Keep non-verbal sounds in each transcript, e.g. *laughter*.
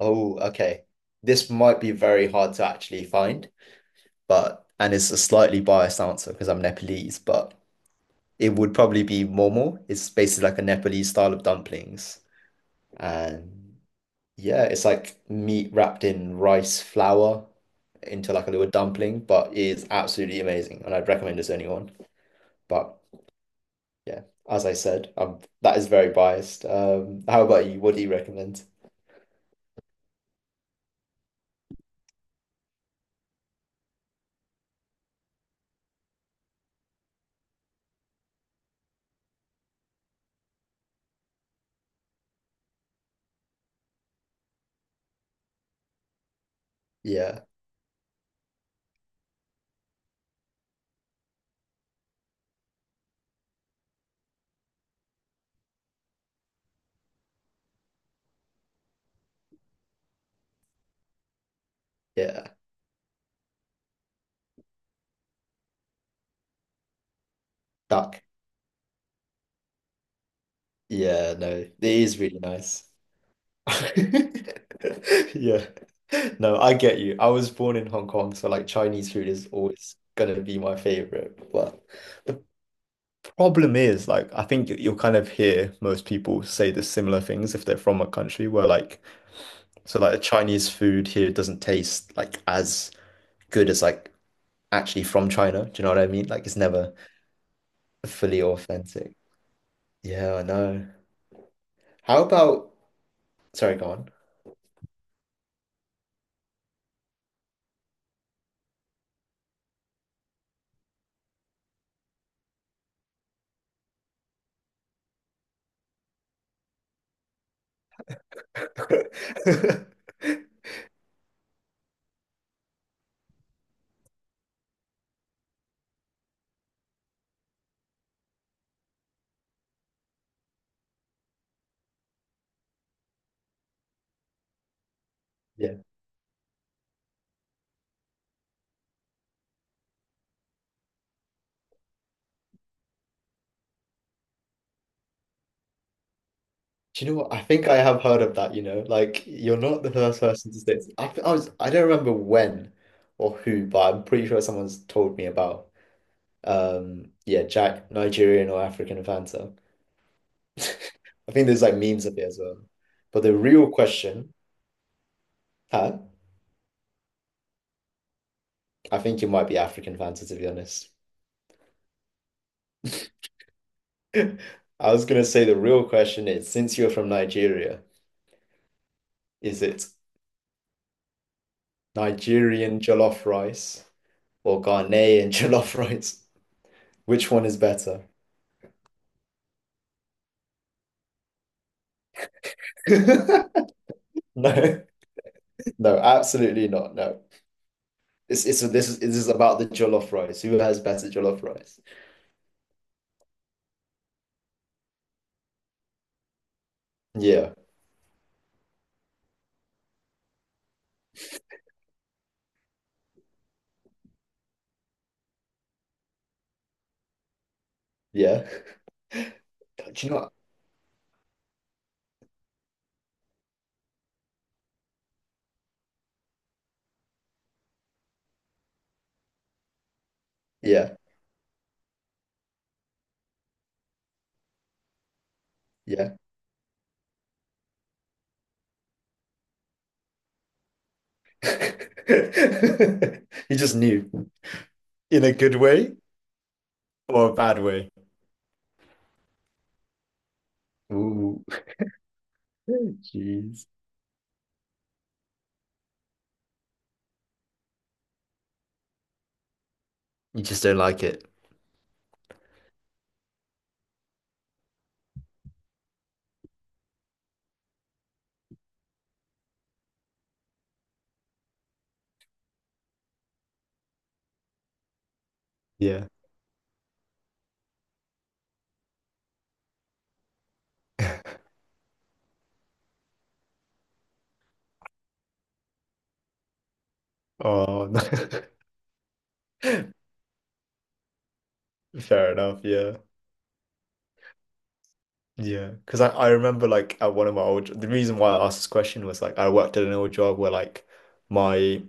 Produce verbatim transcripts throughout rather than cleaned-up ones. Oh, okay. This might be very hard to actually find, but and it's a slightly biased answer because I'm Nepalese, but it would probably be momo. It's basically like a Nepalese style of dumplings. And yeah, it's like meat wrapped in rice flour into like a little dumpling, but it is absolutely amazing. And I'd recommend this to anyone. But yeah, as I said, um that is very biased. Um, how about you? What do you recommend? Yeah, yeah. Duck. Yeah, no, it is really nice. *laughs* Yeah. No, I get you. I was born in Hong Kong, so like Chinese food is always gonna be my favorite. But the problem is, like, I think you- you'll kind of hear most people say the similar things if they're from a country where like, so like the Chinese food here doesn't taste like as good as like actually from China. Do you know what I mean? Like, it's never fully authentic. Yeah, I know. How about, sorry, go on. *laughs* Yeah. Do you know what? I think I have heard of that, you know, like you're not the first person to say it. I, think I was I don't remember when or who, but I'm pretty sure someone's told me about um yeah, Jack Nigerian or African Fanta. *laughs* I think there's like memes of it as well. But the real question, huh? I think it might be African Fanta to be honest. *laughs* I was gonna say the real question is, since you're from Nigeria, is it Nigerian jollof rice or Ghanaian *laughs* jollof rice? Which one is better? *laughs* No, no, absolutely not. No, it's it's this is this is about the jollof rice. Who has better jollof rice? Yeah, yeah. Do you know what? Yeah, yeah. *laughs* You just knew. In a good way or a bad way? Ooh, jeez. You just don't like it. Yeah. Oh, no. *laughs* Fair enough. Yeah. Yeah. Because I, I remember like at one of my old, the reason why I asked this question was like I worked at an old job where like my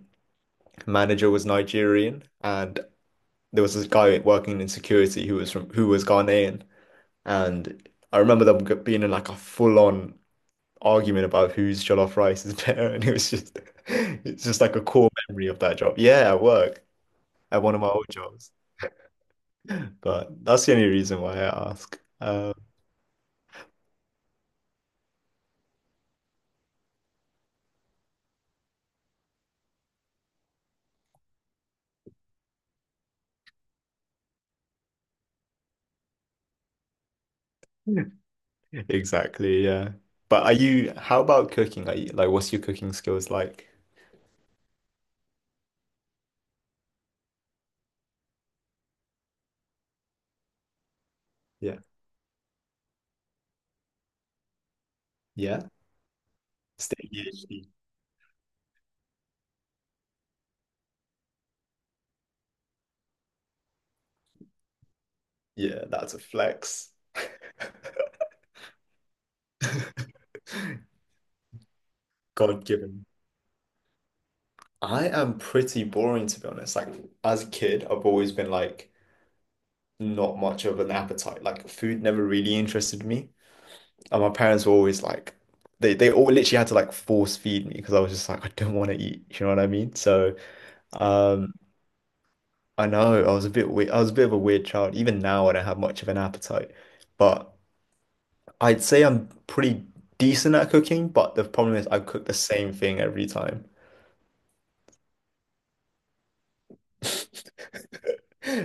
manager was Nigerian, and there was this guy working in security who was from who was Ghanaian, and I remember them g- being in like a full-on argument about whose jollof rice is *laughs* better, and it was just *laughs* it's just like a core memory of that job. Yeah, at work at one of my old jobs, but that's the only reason why I ask. Um, *laughs* exactly, yeah. But are you? How about cooking? Are you like? What's your cooking skills like? Yeah, yeah. Stay PhD. Yeah, that's a flex. *laughs* God given. I am pretty boring to be honest. Like as a kid, I've always been like not much of an appetite. Like food never really interested me. And my parents were always like they they all literally had to like force feed me because I was just like I don't want to eat. You know what I mean? So um I know I was a bit weird. I was a bit of a weird child. Even now I don't have much of an appetite. But I'd say I'm pretty decent at cooking, but the problem is I cook the same thing every time. *laughs*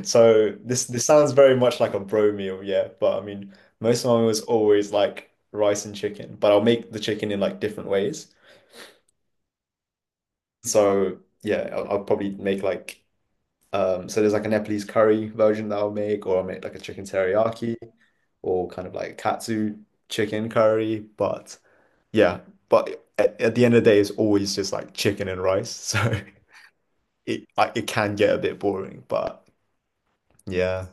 So this this sounds very much like a bro meal, yeah. But I mean, most of mine was always like rice and chicken, but I'll make the chicken in like different ways. So yeah, I'll, I'll probably make like um so there's like a Nepalese curry version that I'll make, or I'll make like a chicken teriyaki, or kind of like katsu chicken curry. But yeah, but at, at the end of the day, it's always just like chicken and rice. *laughs* So it like it can get a bit boring, but yeah,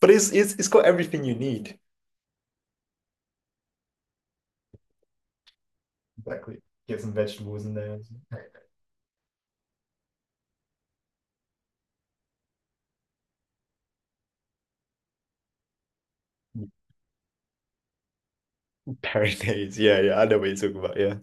but it's it's it's got everything you need. Exactly. Get some vegetables in there. *laughs* Mayonnaise, yeah, yeah, I know what you're talking about, yeah.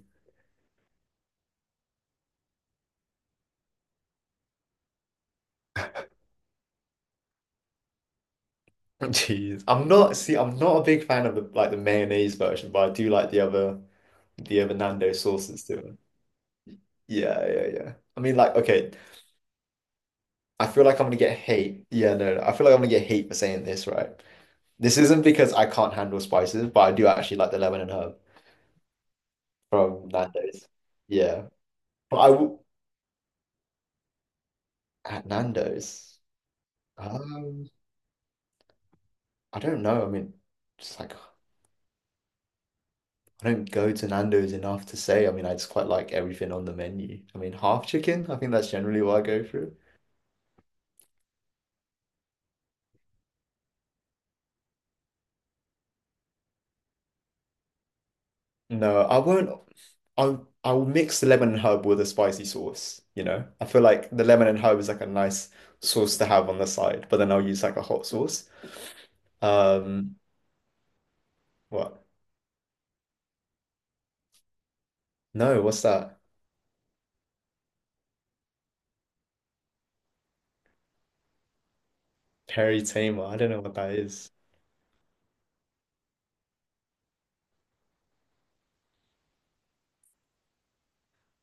*laughs* Jeez, I'm not, see, I'm not a big fan of the like the mayonnaise version, but I do like the other the other Nando sauces to it. Yeah, yeah, yeah. I mean, like, okay, I feel like I'm gonna get hate. Yeah, no, no, I feel like I'm gonna get hate for saying this, right? This isn't because I can't handle spices, but I do actually like the lemon and herb from Nando's. Yeah, but I w at Nando's, um, I don't know. I mean, just like I don't go to Nando's enough to say. I mean, I just quite like everything on the menu. I mean, half chicken, I think that's generally what I go for. No, I won't. I I'll mix the lemon and herb with a spicy sauce, you know? I feel like the lemon and herb is like a nice sauce to have on the side, but then I'll use like a hot sauce. Um, what? No, what's that? Peri Tamer. I don't know what that is.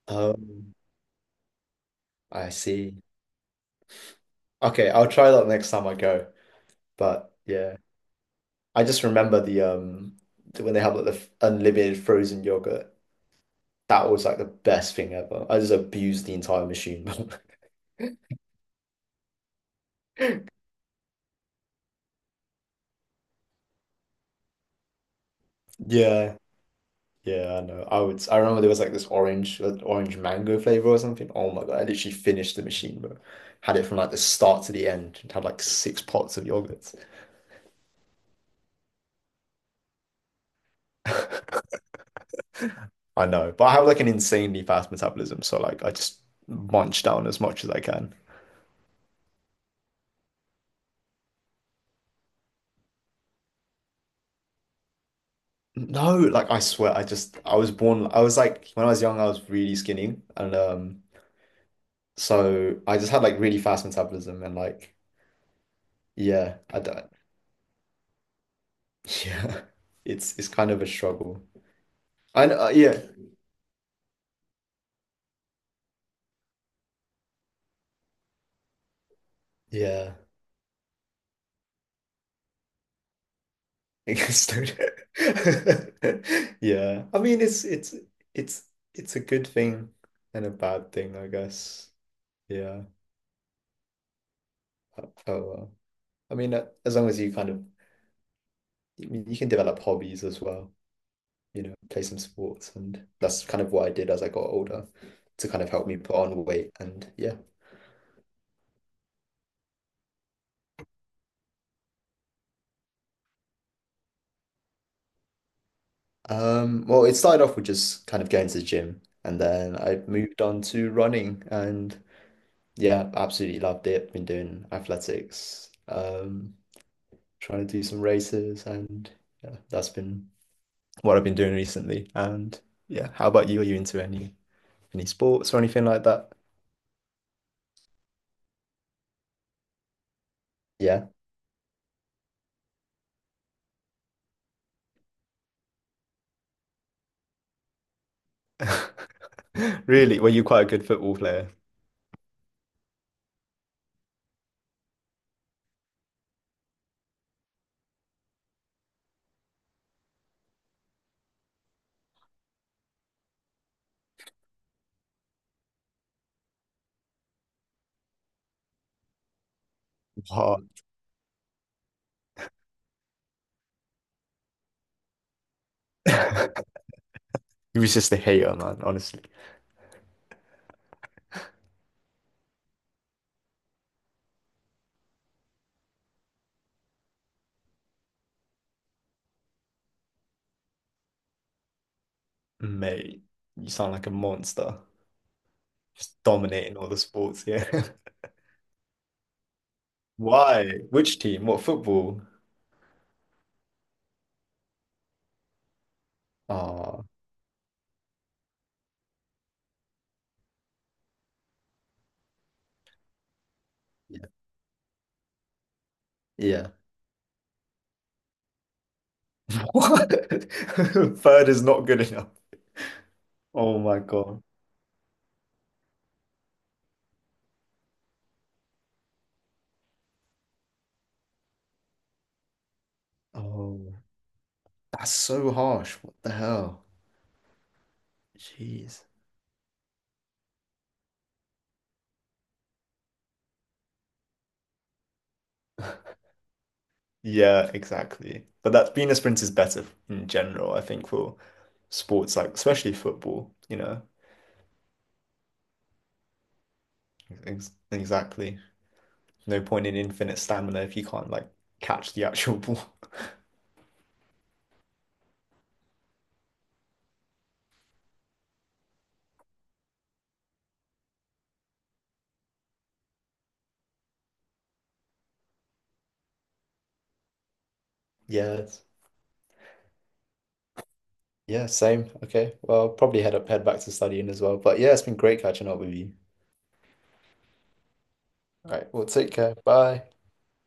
Um, I see. Okay, I'll try that next time I go. But yeah. I just remember the um the- when they have like the f- unlimited frozen yogurt. That was like the best thing ever. I just abused the entire machine. *laughs* Yeah, yeah, I know. I would. I remember there was like this orange, uh, orange mango flavor or something. Oh my God, I literally finished the machine, bro. Had it from like the start to the end and had like six pots of yogurts. *laughs* I know, but I have like an insanely fast metabolism, so like I just munch down as much as I can. No, like I swear, I just I was born. I was like when I was young, I was really skinny, and um, so I just had like really fast metabolism, and like yeah, I don't. *laughs* Yeah, it's it's kind of a struggle. I know, uh, yeah, yeah. *laughs* I guess don't- *laughs* Yeah, I mean it's it's it's it's a good thing and a bad thing, I guess. Yeah. Oh well. I mean, uh, as long as you kind of you you can develop hobbies as well. You know, play some sports. And that's kind of what I did as I got older to kind of help me put on weight. And yeah. Um, well, it started off with just kind of going to the gym and then I moved on to running and yeah, absolutely loved it. Been doing athletics, um, trying to do some races and yeah, that's been what I've been doing recently. And yeah, how about you? Are you into any any sports or anything like that? Yeah. *laughs* Really? Were you quite a good football player? What? *laughs* He was just a hater, man, honestly. Mate, you sound like a monster. Just dominating all the sports, yeah. *laughs* Why? Which team? What football? Ah, yeah. Yeah. *laughs* What? *laughs* Third is not good enough. Oh my God. Oh, that's so harsh. What the hell? Jeez. *laughs* Yeah, exactly. But that being a sprint is better in general, I think, for sports like especially football, you know. Ex Exactly. No point in infinite stamina if you can't like catch the actual ball. *laughs* Yeah, yeah, same. Okay. Well, I'll probably head up, head back to studying as well. But yeah, it's been great catching up with you. All right. Well, take care. Bye.